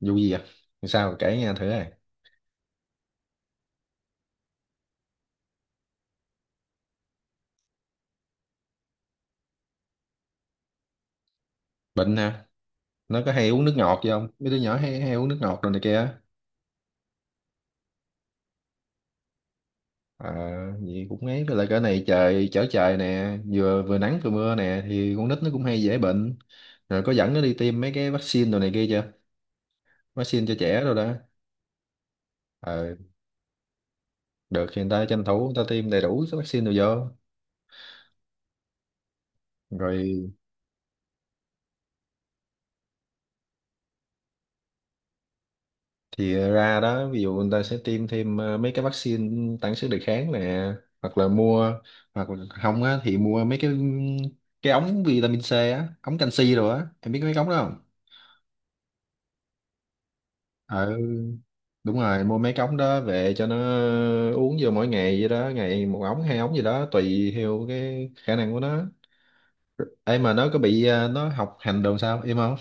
Vụ gì vậy? Sao kể nghe thử này. Bệnh hả? Nó có hay uống nước ngọt vậy không? Mấy đứa nhỏ hay hay uống nước ngọt rồi này kia á. À, vậy cũng ấy. Với lại cái này trời chở trời nè, vừa vừa nắng vừa mưa nè thì con nít nó cũng hay dễ bệnh. Rồi có dẫn nó đi tiêm mấy cái vaccine đồ này kia chưa? Vaccine cho trẻ rồi đó. Ờ, được thì người ta tranh thủ người ta tiêm đầy đủ cái vaccine rồi vô. Rồi thì ra đó, ví dụ người ta sẽ tiêm thêm mấy cái vaccine tăng sức đề kháng nè. Hoặc là mua, hoặc là không á thì mua mấy cái ống vitamin C á, ống canxi rồi á, em biết mấy cái ống đó không? Ừ, đúng rồi, mua mấy cái ống đó về cho nó uống vô mỗi ngày vậy đó, ngày một ống hai ống gì đó tùy theo cái khả năng của nó. Em, mà nó có bị nó học hành đồ sao em không?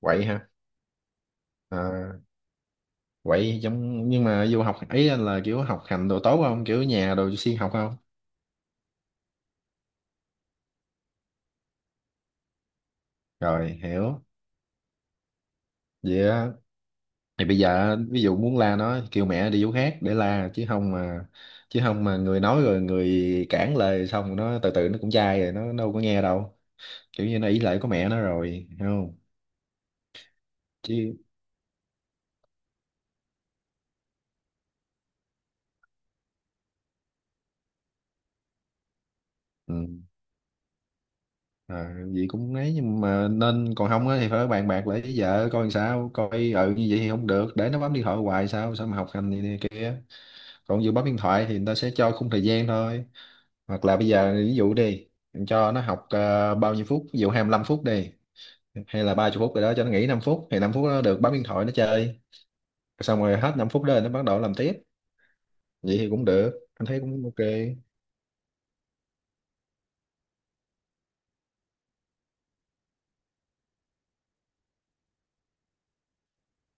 Quậy hả? à, Quậy giống nhưng mà vô học ấy là kiểu học hành đồ tốt không, kiểu nhà đồ siêng học không? Rồi hiểu vậy á, thì bây giờ ví dụ muốn la nó kêu mẹ đi chỗ khác để la, chứ không mà người nói rồi người cản lời xong nó từ từ nó cũng chai rồi, nó đâu có nghe đâu. Kiểu như nó ỷ lại có mẹ nó rồi, hiểu không? Chứ. Ừ. À, vậy cũng ấy nhưng mà nên, còn không á thì phải bàn bạc lại với vợ coi làm sao coi. Ừ, như vậy thì không được để nó bấm điện thoại hoài, sao sao mà học hành gì nè. Còn ví dụ bấm điện thoại thì người ta sẽ cho khung thời gian thôi. Hoặc là bây giờ ví dụ đi, mình cho nó học bao nhiêu phút, ví dụ 25 phút đi, hay là 30 phút rồi đó cho nó nghỉ 5 phút, thì 5 phút nó được bấm điện thoại nó chơi, xong rồi hết 5 phút đó nó bắt đầu làm tiếp. Vậy thì cũng được, anh thấy cũng ok.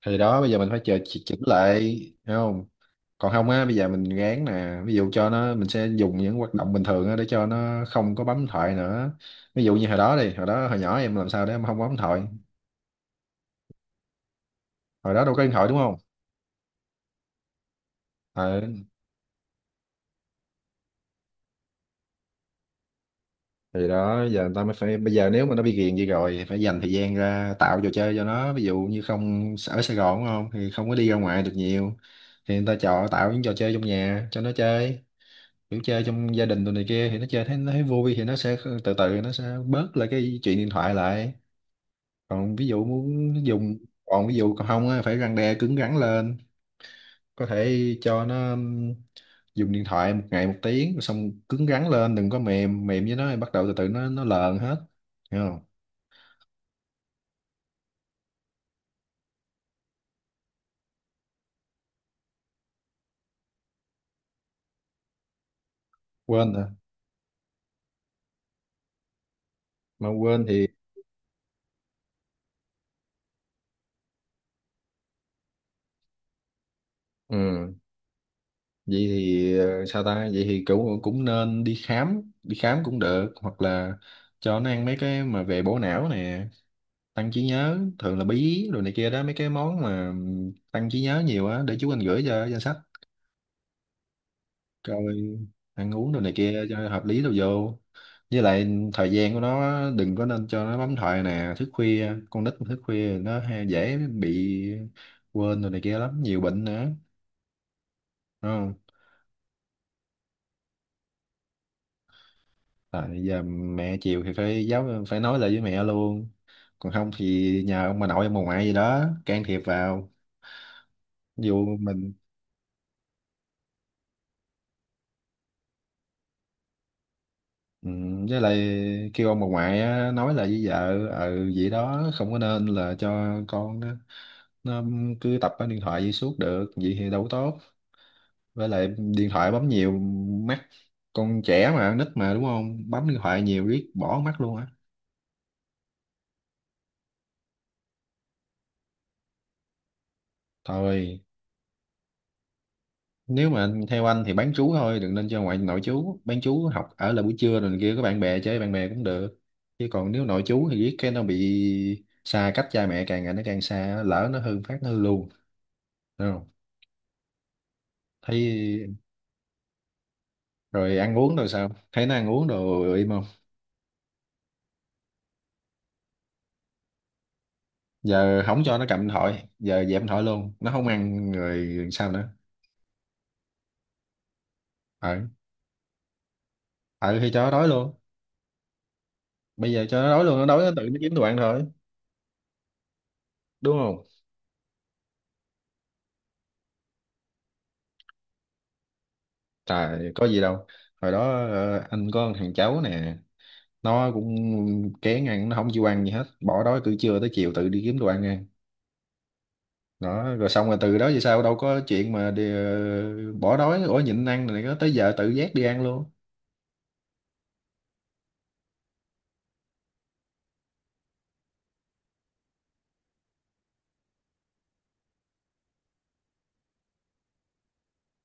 Thì đó bây giờ mình phải chờ chỉnh lại, thấy không? Còn không á bây giờ mình gán nè, ví dụ cho nó mình sẽ dùng những hoạt động bình thường á để cho nó không có bấm điện thoại nữa. Ví dụ như hồi đó đi hồi đó hồi nhỏ em làm sao để em không bấm điện thoại, hồi đó đâu có điện thoại đúng không? Ờ, thì đó giờ người ta mới phải, bây giờ nếu mà nó bị ghiền gì rồi thì phải dành thời gian ra tạo trò chơi cho nó, ví dụ như không ở Sài Gòn đúng không thì không có đi ra ngoài được nhiều. Thì người ta chọn tạo những trò chơi trong nhà cho nó chơi, kiểu chơi trong gia đình tụi này kia thì nó chơi, thấy nó thấy vui thì nó sẽ từ từ nó sẽ bớt lại cái chuyện điện thoại lại. còn ví dụ muốn dùng Còn ví dụ còn không á, phải răn đe cứng rắn lên, có thể cho nó dùng điện thoại một ngày một tiếng rồi xong, cứng rắn lên đừng có mềm mềm với nó thì bắt đầu từ từ nó lờn hết, hiểu không? Quên à? Mà quên thì, ừ vậy thì sao ta, vậy thì cũng cũng nên đi khám, đi khám cũng được, hoặc là cho nó ăn mấy cái mà về bổ não nè, tăng trí nhớ thường là bí rồi này kia đó mấy cái món mà tăng trí nhớ nhiều á, để chú anh gửi cho danh sách coi. Ăn uống đồ này kia cho hợp lý đâu vô. Với lại thời gian của nó đừng có nên cho nó bấm thoại nè, thức khuya, con nít mà thức khuya nó hay dễ bị quên rồi này kia lắm, nhiều bệnh nữa, đúng không? Tại giờ mẹ chiều thì phải giáo, phải nói lại với mẹ luôn, còn không thì nhờ ông bà nội ông bà ngoại gì đó can thiệp vào, dù mình. Ừ, với lại kêu ông bà ngoại á, nói là với vợ ừ vậy đó, không có nên là cho con nó cứ tập cái điện thoại vậy suốt được, vậy thì đâu có tốt. Với lại điện thoại bấm nhiều mắt, con trẻ mà, nít mà đúng không, bấm điện thoại nhiều riết bỏ mắt luôn á. Thôi, nếu mà theo anh thì bán trú thôi, đừng nên cho ngoại, nội chú bán chú học ở là buổi trưa rồi này kia có bạn bè chơi bạn bè cũng được, chứ còn nếu nội chú thì riết cái nó bị xa cách cha mẹ, càng ngày nó càng xa, lỡ nó hư phát nó hư luôn. Đúng không? Thấy. Rồi ăn uống, rồi sao thấy nó ăn uống đồ im không? Giờ không cho nó cầm điện thoại, giờ dẹp điện thoại luôn nó không ăn rồi sao nữa? ờ ờ thì cho nó đói luôn, bây giờ cho nó đói luôn, nó đói nó tự nó kiếm đồ ăn thôi. Đúng không? Trời có gì đâu, hồi đó anh có thằng cháu nè, nó cũng kén ăn, nó không chịu ăn gì hết, bỏ đói từ trưa tới chiều tự đi kiếm đồ ăn ăn, đó rồi xong rồi từ đó về sau đâu có chuyện mà đi, bỏ đói, ủa nhịn ăn này có, tới giờ tự giác đi ăn luôn.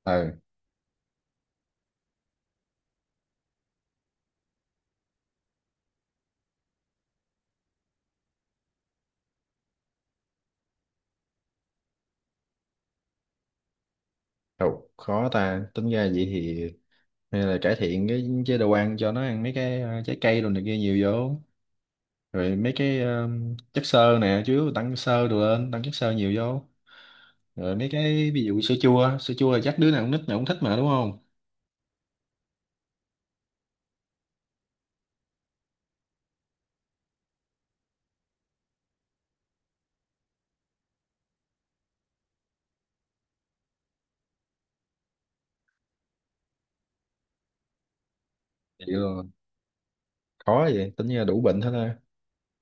Ừ. Ồ, khó ta, tính ra vậy thì hay là cải thiện cái chế độ ăn, cho nó ăn mấy cái trái cây đồ này kia nhiều vô, rồi mấy cái chất xơ nè, chứ tăng xơ đồ lên tăng chất xơ nhiều vô. Rồi mấy cái ví dụ sữa chua, sữa chua là chắc đứa nào cũng, nít nào cũng thích mà, đúng không? Vậy là khó, vậy tính ra đủ bệnh hết ha.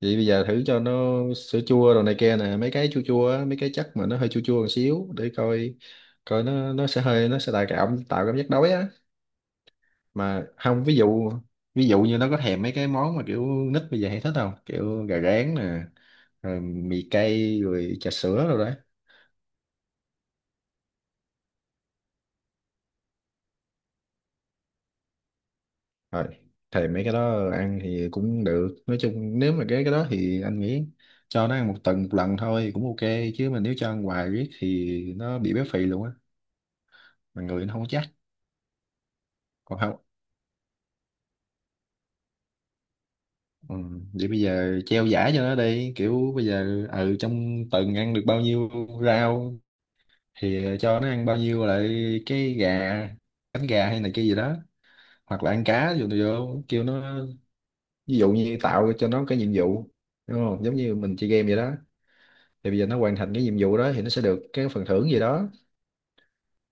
Vậy bây giờ thử cho nó sữa chua đồ này kia nè, mấy cái chua chua á, mấy cái chất mà nó hơi chua chua một xíu để coi, coi nó sẽ hơi, nó sẽ tạo cảm giác đói á. Mà không ví dụ như nó có thèm mấy cái món mà kiểu nít bây giờ hay thích không, kiểu gà rán nè, rồi mì cay rồi trà sữa rồi đấy. Rồi thèm mấy cái đó ăn thì cũng được, nói chung nếu mà cái đó thì anh nghĩ cho nó ăn một tuần một lần thôi cũng ok, chứ mà nếu cho ăn hoài riết thì nó bị béo phì luôn á, mà người nó không có chắc, còn không. Ừ. Vậy bây giờ treo giải cho nó đi, kiểu bây giờ ừ trong tuần ăn được bao nhiêu rau thì cho nó ăn bao nhiêu lại, cái gà, cánh gà hay này kia gì đó, hoặc là ăn cá vô, kêu nó. Ví dụ như tạo cho nó cái nhiệm vụ, đúng không, giống như mình chơi game vậy đó. Thì bây giờ nó hoàn thành cái nhiệm vụ đó thì nó sẽ được cái phần thưởng gì đó,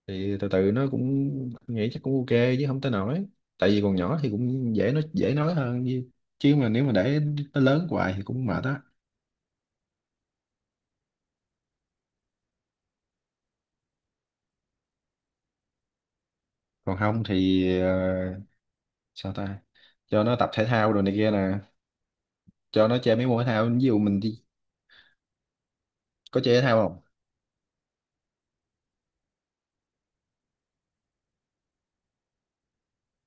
thì từ từ nó cũng nghĩ chắc cũng ok, chứ không tới nổi, tại vì còn nhỏ thì cũng dễ, nó dễ nói hơn. Như chứ mà nếu mà để nó lớn hoài thì cũng mệt á. Còn không thì sao ta, cho nó tập thể thao rồi này kia nè, cho nó chơi mấy môn thể thao, ví dụ mình đi, có chơi thể thao không?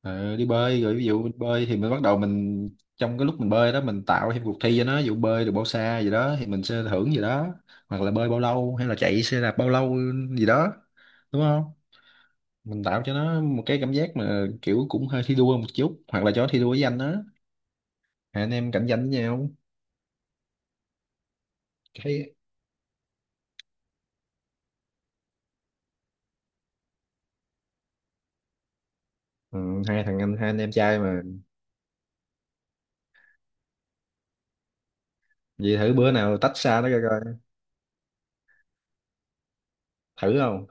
Ờ, đi bơi rồi, ví dụ mình bơi thì mình bắt đầu mình, trong cái lúc mình bơi đó mình tạo thêm cuộc thi cho nó, ví dụ bơi được bao xa gì đó thì mình sẽ thưởng gì đó, hoặc là bơi bao lâu hay là chạy xe đạp bao lâu gì đó, đúng không? Mình tạo cho nó một cái cảm giác mà kiểu cũng hơi thi đua một chút, hoặc là cho nó thi đua với anh đó, hai anh em cạnh tranh với nhau, cái ừ, hai anh em trai mà. Vậy thử bữa nào tách xa nó coi coi, thử không?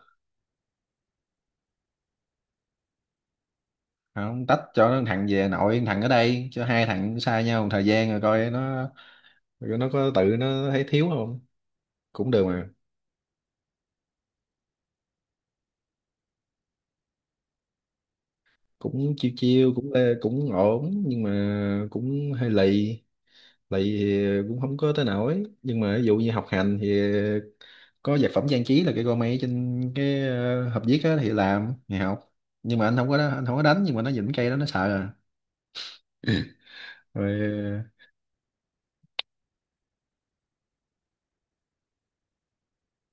Không, tách cho nó thằng về nội, thằng ở đây cho hai thằng xa nhau một thời gian rồi coi nó, rồi nó có tự nó thấy thiếu không? Cũng được mà, cũng chiêu chiêu cũng cũng ổn nhưng mà cũng hơi lì, lì thì cũng không có tới nổi, nhưng mà ví dụ như học hành thì có vật phẩm trang trí là cái con máy trên cái hộp viết á thì làm, ngày học. Nhưng mà anh không có đánh nhưng mà nó dính cây đó nó sợ à. Rồi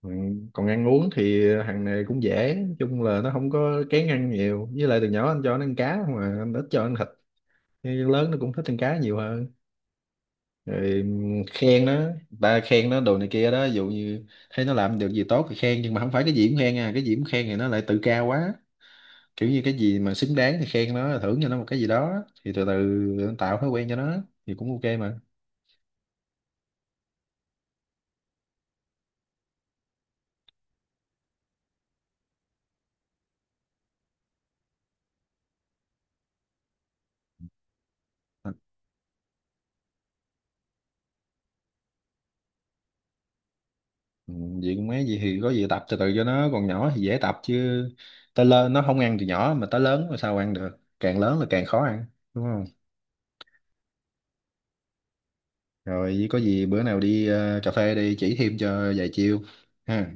ừ, còn ăn uống thì hàng này cũng dễ, nói chung là nó không có kén ăn nhiều, với lại từ nhỏ anh cho nó ăn cá không mà anh ít cho ăn thịt, nhưng lớn nó cũng thích ăn cá nhiều hơn. Rồi khen nó, ta khen nó đồ này kia đó, ví dụ như thấy nó làm được gì tốt thì khen, nhưng mà không phải cái gì cũng khen à, cái gì cũng khen thì nó lại tự cao quá, kiểu như cái gì mà xứng đáng thì khen nó, thưởng cho nó một cái gì đó thì từ từ tạo thói quen cho nó thì cũng ok mà. À. Ừ, vậy cũng mấy gì thì có gì tập từ từ cho nó, còn nhỏ thì dễ tập, chứ tới lớn nó không ăn, từ nhỏ mà tới lớn mà sao ăn được, càng lớn là càng khó ăn, đúng không? Rồi với có gì bữa nào đi cà phê đi chỉ thêm cho vài chiêu, ha?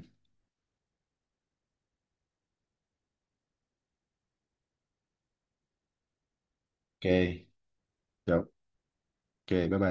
Ok rồi, ok bye bye.